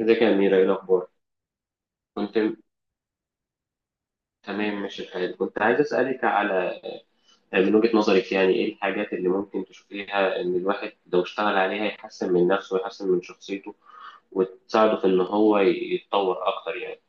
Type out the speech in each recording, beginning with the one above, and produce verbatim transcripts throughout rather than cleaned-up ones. ازيك يا أميرة، إيه الأخبار؟ كنت تمام، ماشي الحال. كنت عايز أسألك على آه، من وجهة نظرك يعني إيه الحاجات اللي ممكن تشوفيها إن الواحد لو اشتغل عليها يحسن من نفسه ويحسن من شخصيته وتساعده في إن هو يتطور أكتر يعني.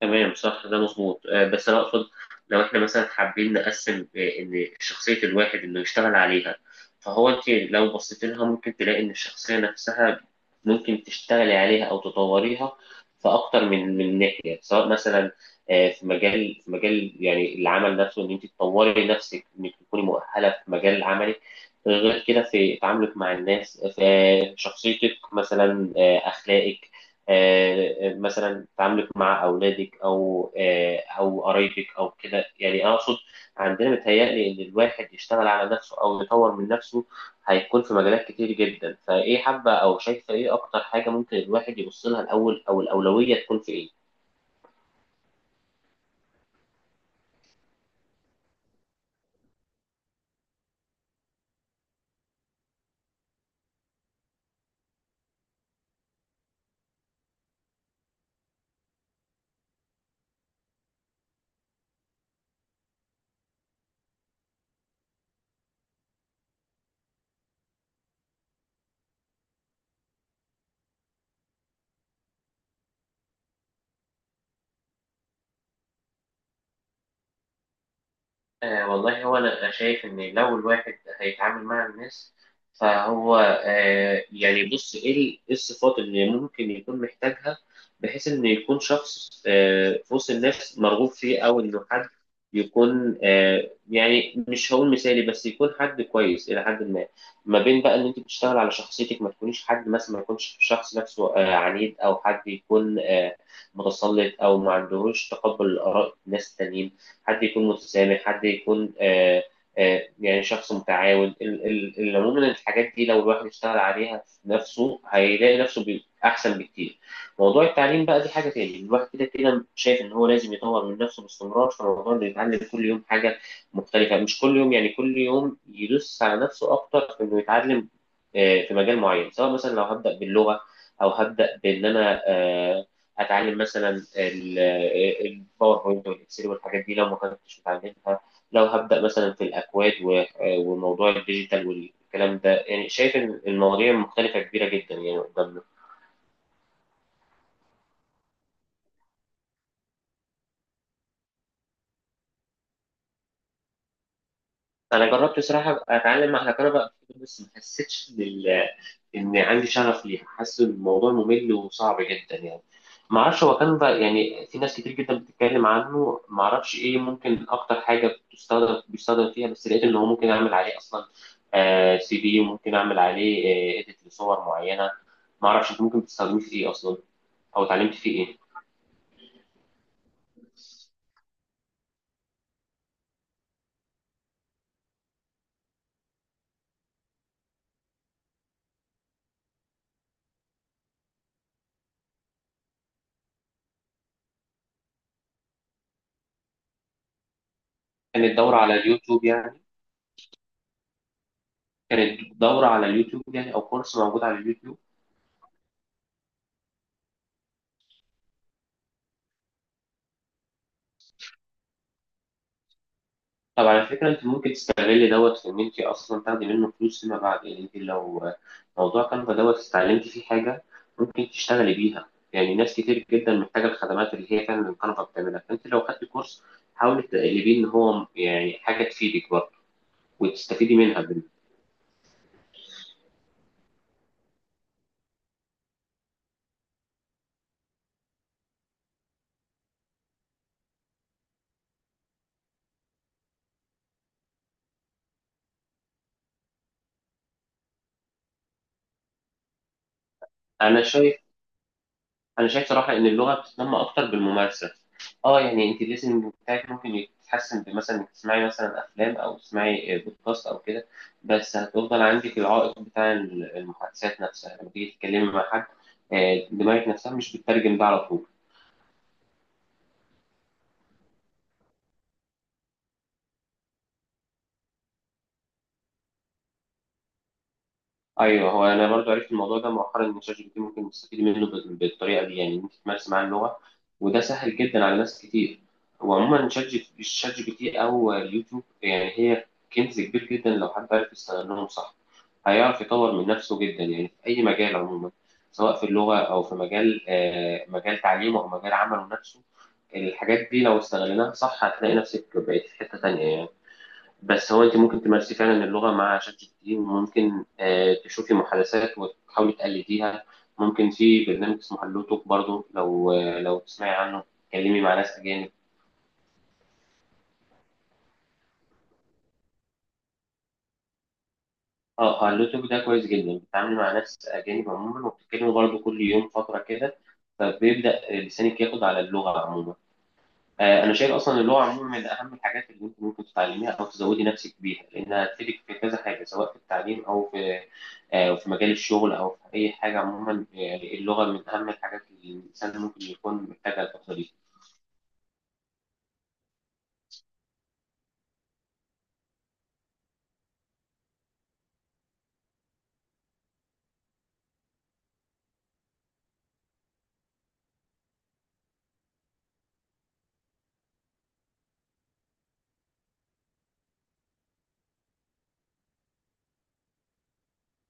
تمام، صح، ده مظبوط. آه، بس انا اقصد، لو احنا مثلا حابين نقسم آه، ان شخصيه الواحد انه يشتغل عليها، فهو انت لو بصيت لها ممكن تلاقي ان الشخصيه نفسها ممكن تشتغلي عليها او تطوريها في اكتر من من ناحيه، سواء مثلا آه، في مجال في مجال يعني العمل نفسه، ان انت تطوري نفسك انك تكوني مؤهله في مجال عملك. غير كده في تعاملك مع الناس، آه، في شخصيتك، مثلا آه، اخلاقك، آه، آه، مثلا تعاملك مع اولادك او آه، او قرايبك او كده، يعني اقصد عندنا متهيألي ان الواحد يشتغل على نفسه او يطور من نفسه هيكون في مجالات كتير جدا. فايه حابه او شايفه ايه اكتر حاجه ممكن الواحد يبص لها الاول، او الاولويه تكون في ايه؟ آه والله، هو أنا شايف إن لو الواحد هيتعامل مع الناس، فهو آه يعني بص، إيه ال- إيه الصفات اللي ممكن يكون محتاجها، بحيث إنه يكون شخص آه في وسط الناس مرغوب فيه، أو إنه حد يكون آه يعني مش هقول مثالي، بس يكون حد كويس إلى حد ما. ما بين بقى إن أنت بتشتغل على شخصيتك، ما تكونيش حد مثلا، ما يكونش شخص نفسه آه عنيد، أو حد يكون آه متسلط، أو ما عندهوش تقبل لآراء الناس التانيين. حد يكون متسامح، حد يكون آه آه يعني شخص متعاون. ال- ال- ال- عموما الحاجات دي لو الواحد اشتغل عليها في نفسه هيلاقي نفسه بي- أحسن بكتير. موضوع التعليم بقى دي حاجة تاني، الواحد كده كده شايف إن هو لازم يطور من نفسه باستمرار، فموضوع إنه يتعلم كل يوم حاجة مختلفة، مش كل يوم يعني، كل يوم يدوس على نفسه أكتر في إنه يتعلم آه، في مجال معين. سواء مثلا لو هبدأ باللغة، أو هبدأ بإن أنا آه، اتعلم مثلا الباوربوينت والاكسل والحاجات دي لو ما كنتش متعلمها، لو هبدا مثلا في الاكواد و- وموضوع الديجيتال والكلام ده. يعني شايف إن المواضيع مختلفه كبيره جدا يعني قدامنا. انا جربت بصراحه أبقى اتعلم على كهرباء، بس ما حسيتش ان ال- ان عندي شغف ليها، حاسس ان الموضوع ممل وصعب جدا يعني. ما اعرفش، هو كان بقى يعني في ناس كتير جدا بتتكلم عنه، ما اعرفش ايه ممكن اكتر حاجه بتستخدم بيستخدم فيها، بس لقيت ان هو ممكن اعمل عليه اصلا آه سي في، وممكن اعمل عليه آه اديت لصور معينه. ما اعرفش انت ممكن تستخدميه في ايه اصلا، او اتعلمت فيه ايه. كانت دوره على اليوتيوب يعني كانت دوره على اليوتيوب يعني، او كورس موجود على اليوتيوب. طب على فكرة، انت ممكن تستغلي دوت في ان انت اصلا تاخدي منه فلوس فيما بعد، يعني انت لو موضوع كانفا دوت استعلمتي فيه حاجة ممكن تشتغلي بيها. يعني ناس كتير جدا محتاجة الخدمات اللي هي فعلا الكنفا بتعملها، فانت لو خدتي كورس حاولي تقلبيه ان هو يعني حاجة تفيدك برضه وتستفيدي منها بال- انا شايف انا شايف صراحه ان اللغه بتتنمى اكتر بالممارسه. اه يعني انت الليسننج بتاعك ممكن يتحسن، بمثلا انك تسمعي مثلا افلام او تسمعي بودكاست او كده، بس هتفضل عندك العائق بتاع المحادثات نفسها لما تيجي تتكلمي مع حد. آه، دماغك نفسها مش بتترجم ده على طول. ايوه، هو انا برضو عرفت الموضوع ده مؤخرا، ان شات جي بي تي ممكن تستفيد منه ب- بالطريقه دي، يعني إن انت تمارس معاه اللغه، وده سهل جدا على ناس كتير. وعموما شات جي شات جي بي تي او اليوتيوب يعني هي كنز كبير جدا، لو حد عرف يستخدمهم صح هيعرف يطور من نفسه جدا، يعني في اي مجال عموما، سواء في اللغه او في مجال آه، مجال تعليمه او مجال عمله نفسه. الحاجات دي لو استغلناها صح هتلاقي نفسك بقيت في حته تانيه يعني. بس هو انت ممكن تمارسي فعلا اللغه مع شات جي بي تي، وممكن آه، تشوفي محادثات وتحاولي تقلديها. ممكن في برنامج اسمه هالو توك برضه، لو آه، لو تسمعي عنه تتكلمي مع ناس اجانب. اه هالو توك ده كويس جدا، بتتعاملي مع ناس اجانب عموما وبتتكلموا برضه كل يوم فتره كده، فبيبدا لسانك ياخد على اللغه عموما. آه، انا شايف اصلا اللغه عموما من اهم الحاجات اللي انت ممكن تتعلميها او تزودي نفسك بيها، لانها هتفيدك في كذا حاجه، سواء في التعليم او في آه، في مجال الشغل، او في اي حاجه عموما. آه، اللغه من اهم الحاجات اللي الانسان ممكن يكون محتاجها الفتره دي.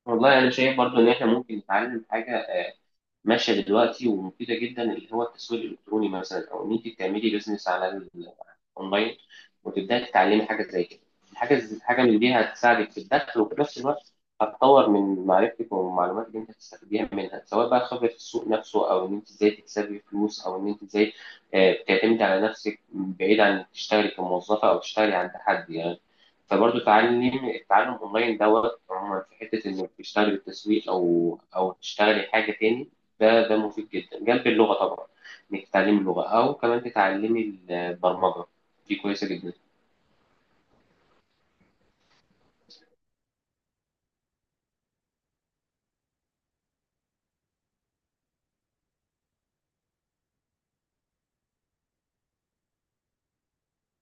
والله انا شايف برضو ان احنا ممكن نتعلم حاجه ماشيه دلوقتي ومفيده جدا، اللي هو التسويق الالكتروني مثلا، او ان انت تعملي بيزنس على الاونلاين وتبداي تتعلمي حاجه زي كده. حاجه زي- حاجه من دي هتساعدك في الدخل، وفي نفس الوقت هتطور من معرفتك والمعلومات اللي انت هتستفيديها منها، سواء بقى خبره السوق نفسه، او ان انت ازاي تكسبي فلوس، او ان انت ازاي آه، بتعتمدي على نفسك بعيد عن انك تشتغلي كموظفه او تشتغلي عند حد يعني. فبرضه تعلم التعلم اونلاين دوت عموما في حته انك تشتغلي بالتسويق او او تشتغلي حاجه تاني. ده ده مفيد جدا جنب اللغة طبعا، انك تتعلمي اللغة او كمان تتعلمي البرمجة. دي كويسة جدا.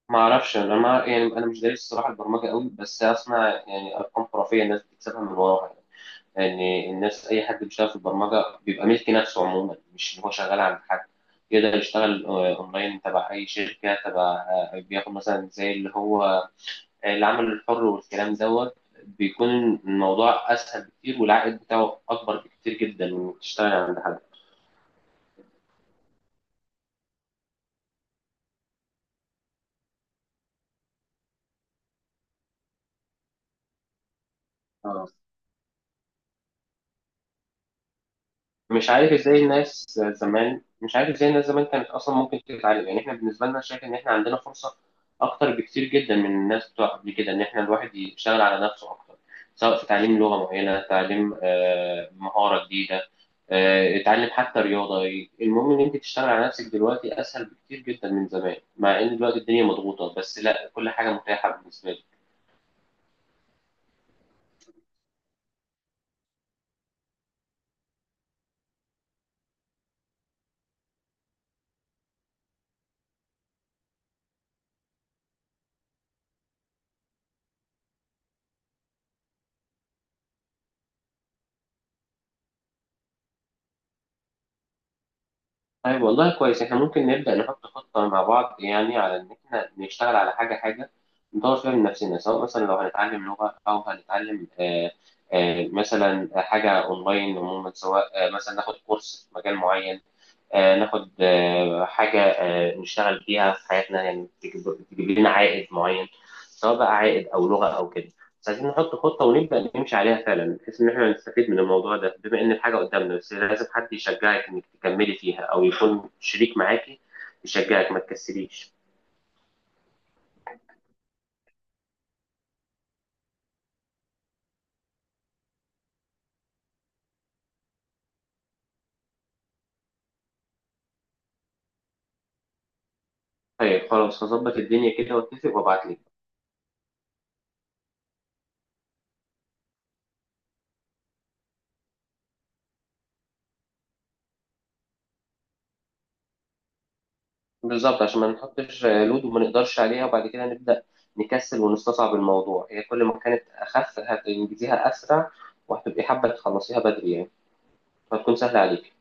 ما اعرفش، انا ما يعني انا مش دارس الصراحة البرمجة قوي، بس اسمع يعني ارقام خرافية الناس بتكسبها من وراها يعني. يعني الناس، اي حد بيشتغل في البرمجة بيبقى ملك نفسه عموما، مش ان هو شغال عند حد. يقدر يشتغل آه، اونلاين تبع اي شركة، تبع آه، بياخد مثلا زي اللي هو العمل الحر والكلام دوت. بيكون الموضوع اسهل بكتير، والعائد بتاعه اكبر بكتير جدا وتشتغل عند حد. اه، مش عارف ازاي الناس زمان مش عارف ازاي الناس زمان كانت اصلا ممكن تتعلم. يعني احنا بالنسبه لنا شايف ان احنا عندنا فرصه اكتر بكتير جدا من الناس بتوع قبل كده، ان احنا الواحد يشتغل على نفسه اكتر. سواء في تعليم لغه معينه، تعليم آه، مهاره جديده، آه، اتعلم حتى رياضه. المهم ان انت تشتغل على نفسك دلوقتي اسهل بكتير جدا من زمان، مع ان دلوقتي الدنيا مضغوطه، بس لا، كل حاجه متاحه بالنسبه لك. طيب والله كويس، احنا ممكن نبدأ نحط خطة مع بعض، يعني على ان احنا نشتغل على حاجة حاجة نطور فيها من نفسنا. سواء مثلا لو هنتعلم لغة او هنتعلم آه، آه، مثلا حاجة اونلاين عموما، سواء آه، مثلا ناخد كورس في مجال معين، آه، ناخد آه، حاجة آه، نشتغل فيها في حياتنا، يعني تجيب تجيب لنا عائد معين، سواء بقى عائد أو لغة أو كده. بس عايزين نحط خطة ونبدأ نمشي عليها فعلا، بحيث إن إحنا نستفيد من الموضوع ده بما إن الحاجة قدامنا. بس لازم حد يشجعك إنك تكملي فيها أو يكون شريك معاكي يشجعك ما تكسليش. طيب خلاص، هظبط الدنيا كده واتفق وابعتلك. بالظبط، عشان ما نحطش لود وما نقدرش عليها، وبعد كده نبدأ نكسل ونستصعب الموضوع. هي كل ما كانت أخف هتنجزيها أسرع، وهتبقي حابة تخلصيها بدري يعني، فهتكون سهلة عليك.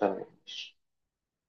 تمام.